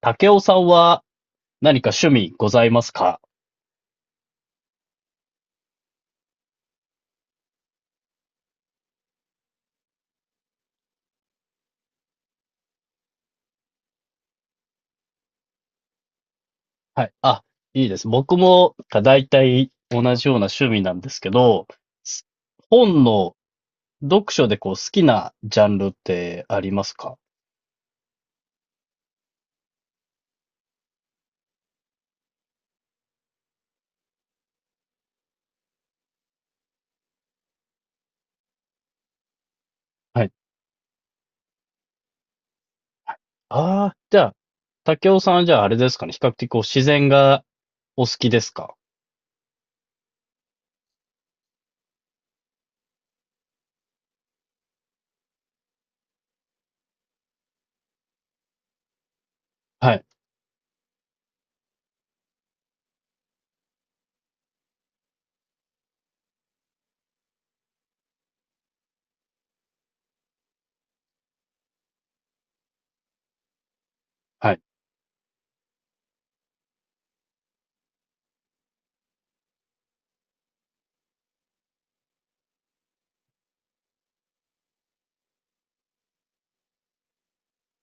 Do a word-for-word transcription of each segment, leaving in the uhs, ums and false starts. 武雄さんは何か趣味ございますか？はい。あ、いいです。僕もだいたい同じような趣味なんですけど、す本の読書でこう好きなジャンルってありますか？はい。ああ、じゃあ、武雄さんはじゃああれですかね。比較的こう自然がお好きですか？はい。はい。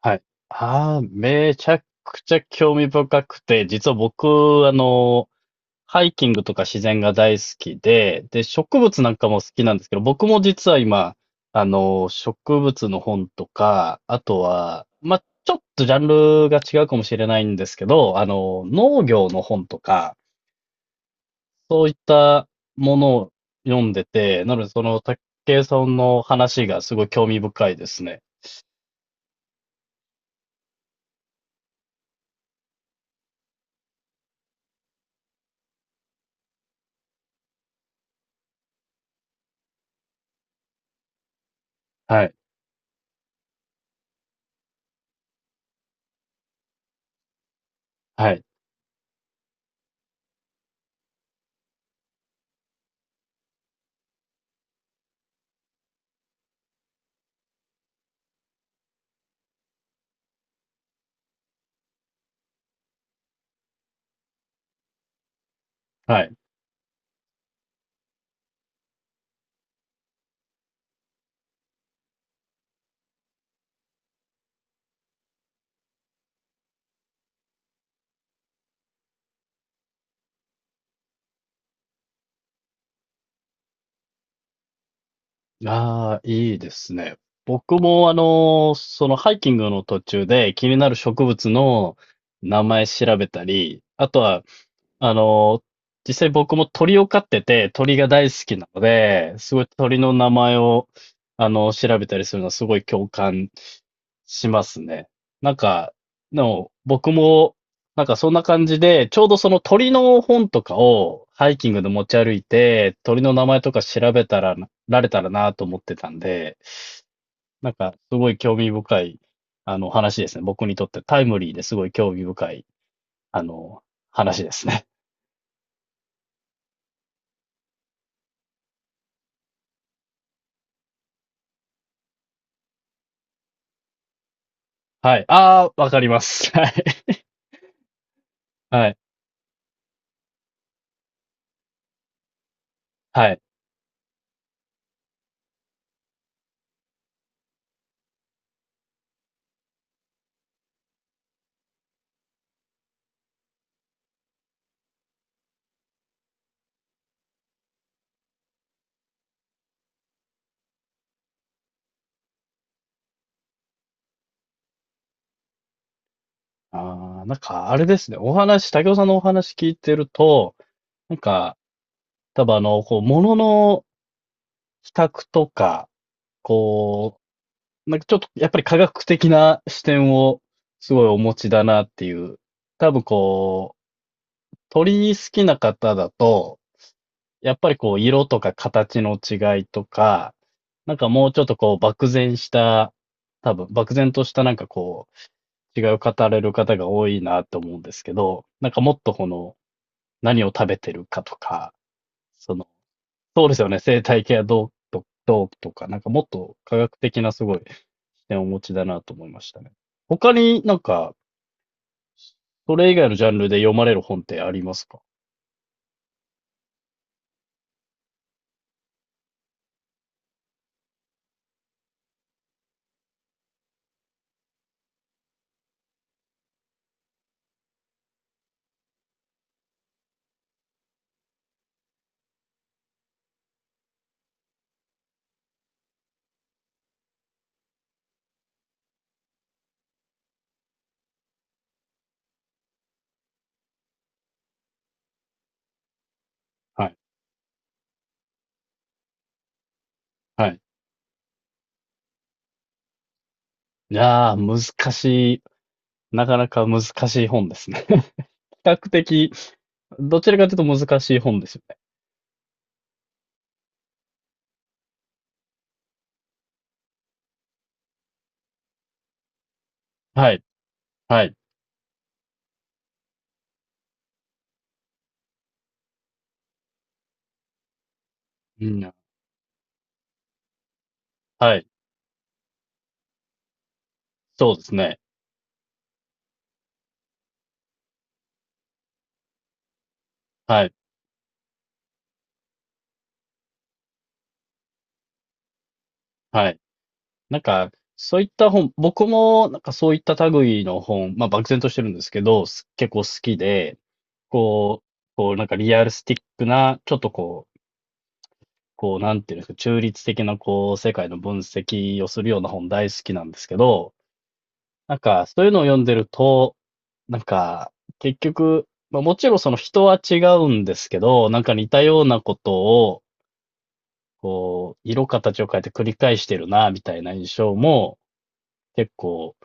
はい。ああ、めちゃくちゃ興味深くて、実は僕、あの、ハイキングとか自然が大好きで、で、植物なんかも好きなんですけど、僕も実は今、あの、植物の本とか、あとは、まあ、ちょっとジャンルが違うかもしれないんですけど、あの、農業の本とか、そういったものを読んでて、なのでその、竹井さんの話がすごい興味深いですね。はい、はい、はい。ああ、いいですね。僕もあの、そのハイキングの途中で気になる植物の名前調べたり、あとはあの、実際僕も鳥を飼ってて、鳥が大好きなので、すごい鳥の名前を、あの、調べたりするのはすごい共感しますね。なんか、でも僕も、なんかそんな感じで、ちょうどその鳥の本とかをハイキングで持ち歩いて、鳥の名前とか調べたら、られたらなと思ってたんで、なんかすごい興味深い、あの、話ですね。僕にとってタイムリーですごい興味深い、あの、話ですね。はい。ああ、わかります。はい。はい。はい。ああ、なんかあれですね。お話、武雄さんのお話聞いてると、なんか、多分あの、こう、ものの比較とか、こう、なんかちょっとやっぱり科学的な視点をすごいお持ちだなっていう。多分こう、鳥好きな方だと、やっぱりこう、色とか形の違いとか、なんかもうちょっとこう、漠然した、多分漠然としたなんかこう、違う語られる方が多いなと思うんですけど、なんかもっとこの、何を食べてるかとか、その、そうですよね、生態系はどうと、どうとか、なんかもっと科学的なすごい視点をお持ちだなと思いましたね。他になんか、それ以外のジャンルで読まれる本ってありますか？はい。はい。いやー、難しい。なかなか難しい本ですね。比較的、どちらかというと難しい本ですよね。はい。はい。うん。はい。そうですね。はい。はい。なんか、そういった本、僕もなんかそういった類の本、まあ漠然としてるんですけど、す結構好きで、こう、こうなんかリアルスティックな、ちょっとこう、こうなんていうんですか、中立的なこう世界の分析をするような本大好きなんですけど、なんかそういうのを読んでると、なんか結局、まあもちろんその人は違うんですけど、なんか似たようなことを、こう、色形を変えて繰り返してるな、みたいな印象も結構、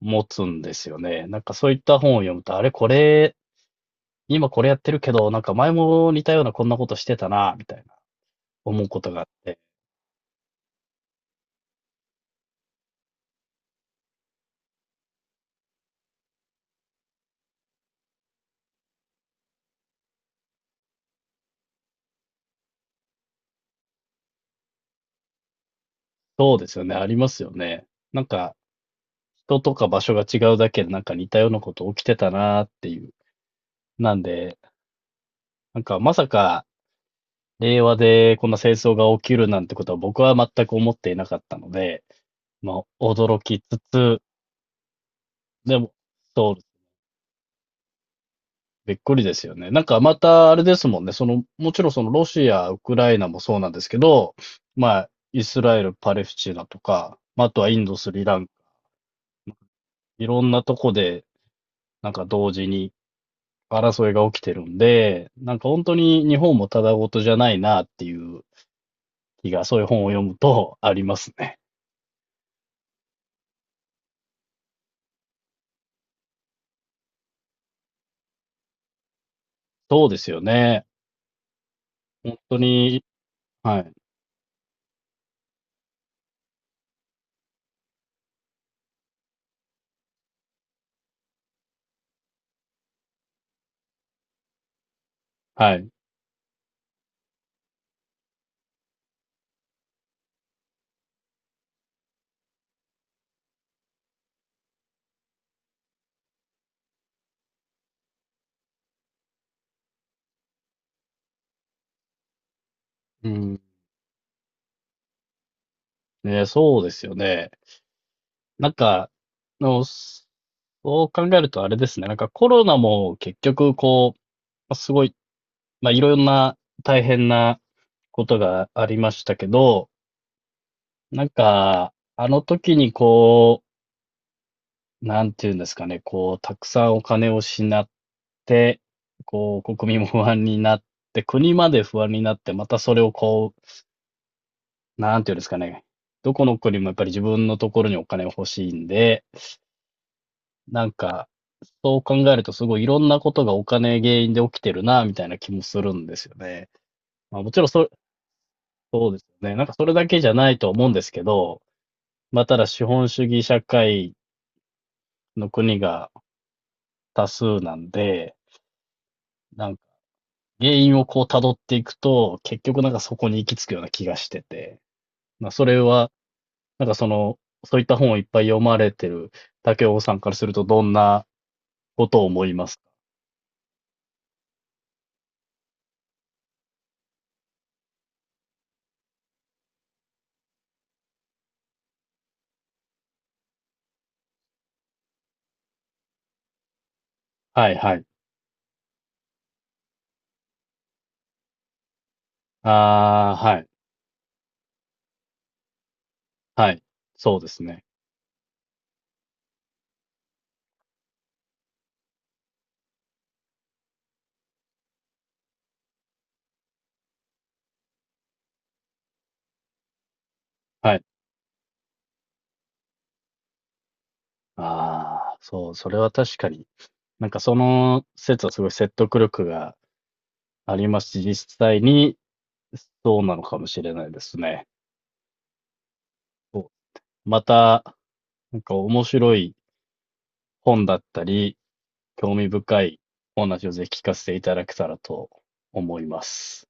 持つんですよね。なんかそういった本を読むと、あれこれ、今これやってるけど、なんか前も似たようなこんなことしてたな、みたいな思うことがあって。そうですよね、ありますよね。なんか、人とか場所が違うだけでなんか似たようなこと起きてたなっていう。なんで、なんかまさか令和でこんな戦争が起きるなんてことは僕は全く思っていなかったので、ま、驚きつつ、でも、そうびっくりですよね。なんかまたあれですもんね。その、もちろんそのロシア、ウクライナもそうなんですけど、まあ、イスラエル、パレスチナとか、まああとはインド、スリランカ、いろんなとこで、なんか同時に争いが起きてるんで、なんか本当に日本もただごとじゃないなっていう気が、そういう本を読むとありますね。そうですよね。本当に、はい、はい。うん、ね、そうですよね。なんか、の、そう考えるとあれですね。なんかコロナも結局こう、まあすごい、まあいろんな大変なことがありましたけど、なんか、あの時にこう、なんていうんですかね、こう、たくさんお金を失って、こう、国民も不安になって、国まで不安になって、またそれをこう、なんていうんですかね、どこの国もやっぱり自分のところにお金欲しいんで、なんか、そう考えるとすごいいろんなことがお金原因で起きてるな、みたいな気もするんですよね。まあもちろんそれ、そうですよね。なんかそれだけじゃないと思うんですけど、まあただ資本主義社会の国が多数なんで、なんか原因をこう辿っていくと、結局なんかそこに行き着くような気がしてて、まあそれは、なんかその、そういった本をいっぱい読まれてる竹尾さんからするとどんなことを思いますか？はいはい。ああ、はい。はい。そうですね。はい。ああ、そう、それは確かに。なんかその説はすごい説得力がありますし、実際にそうなのかもしれないですね。そう。また、なんか面白い本だったり、興味深いお話をぜひ聞かせていただけたらと思います。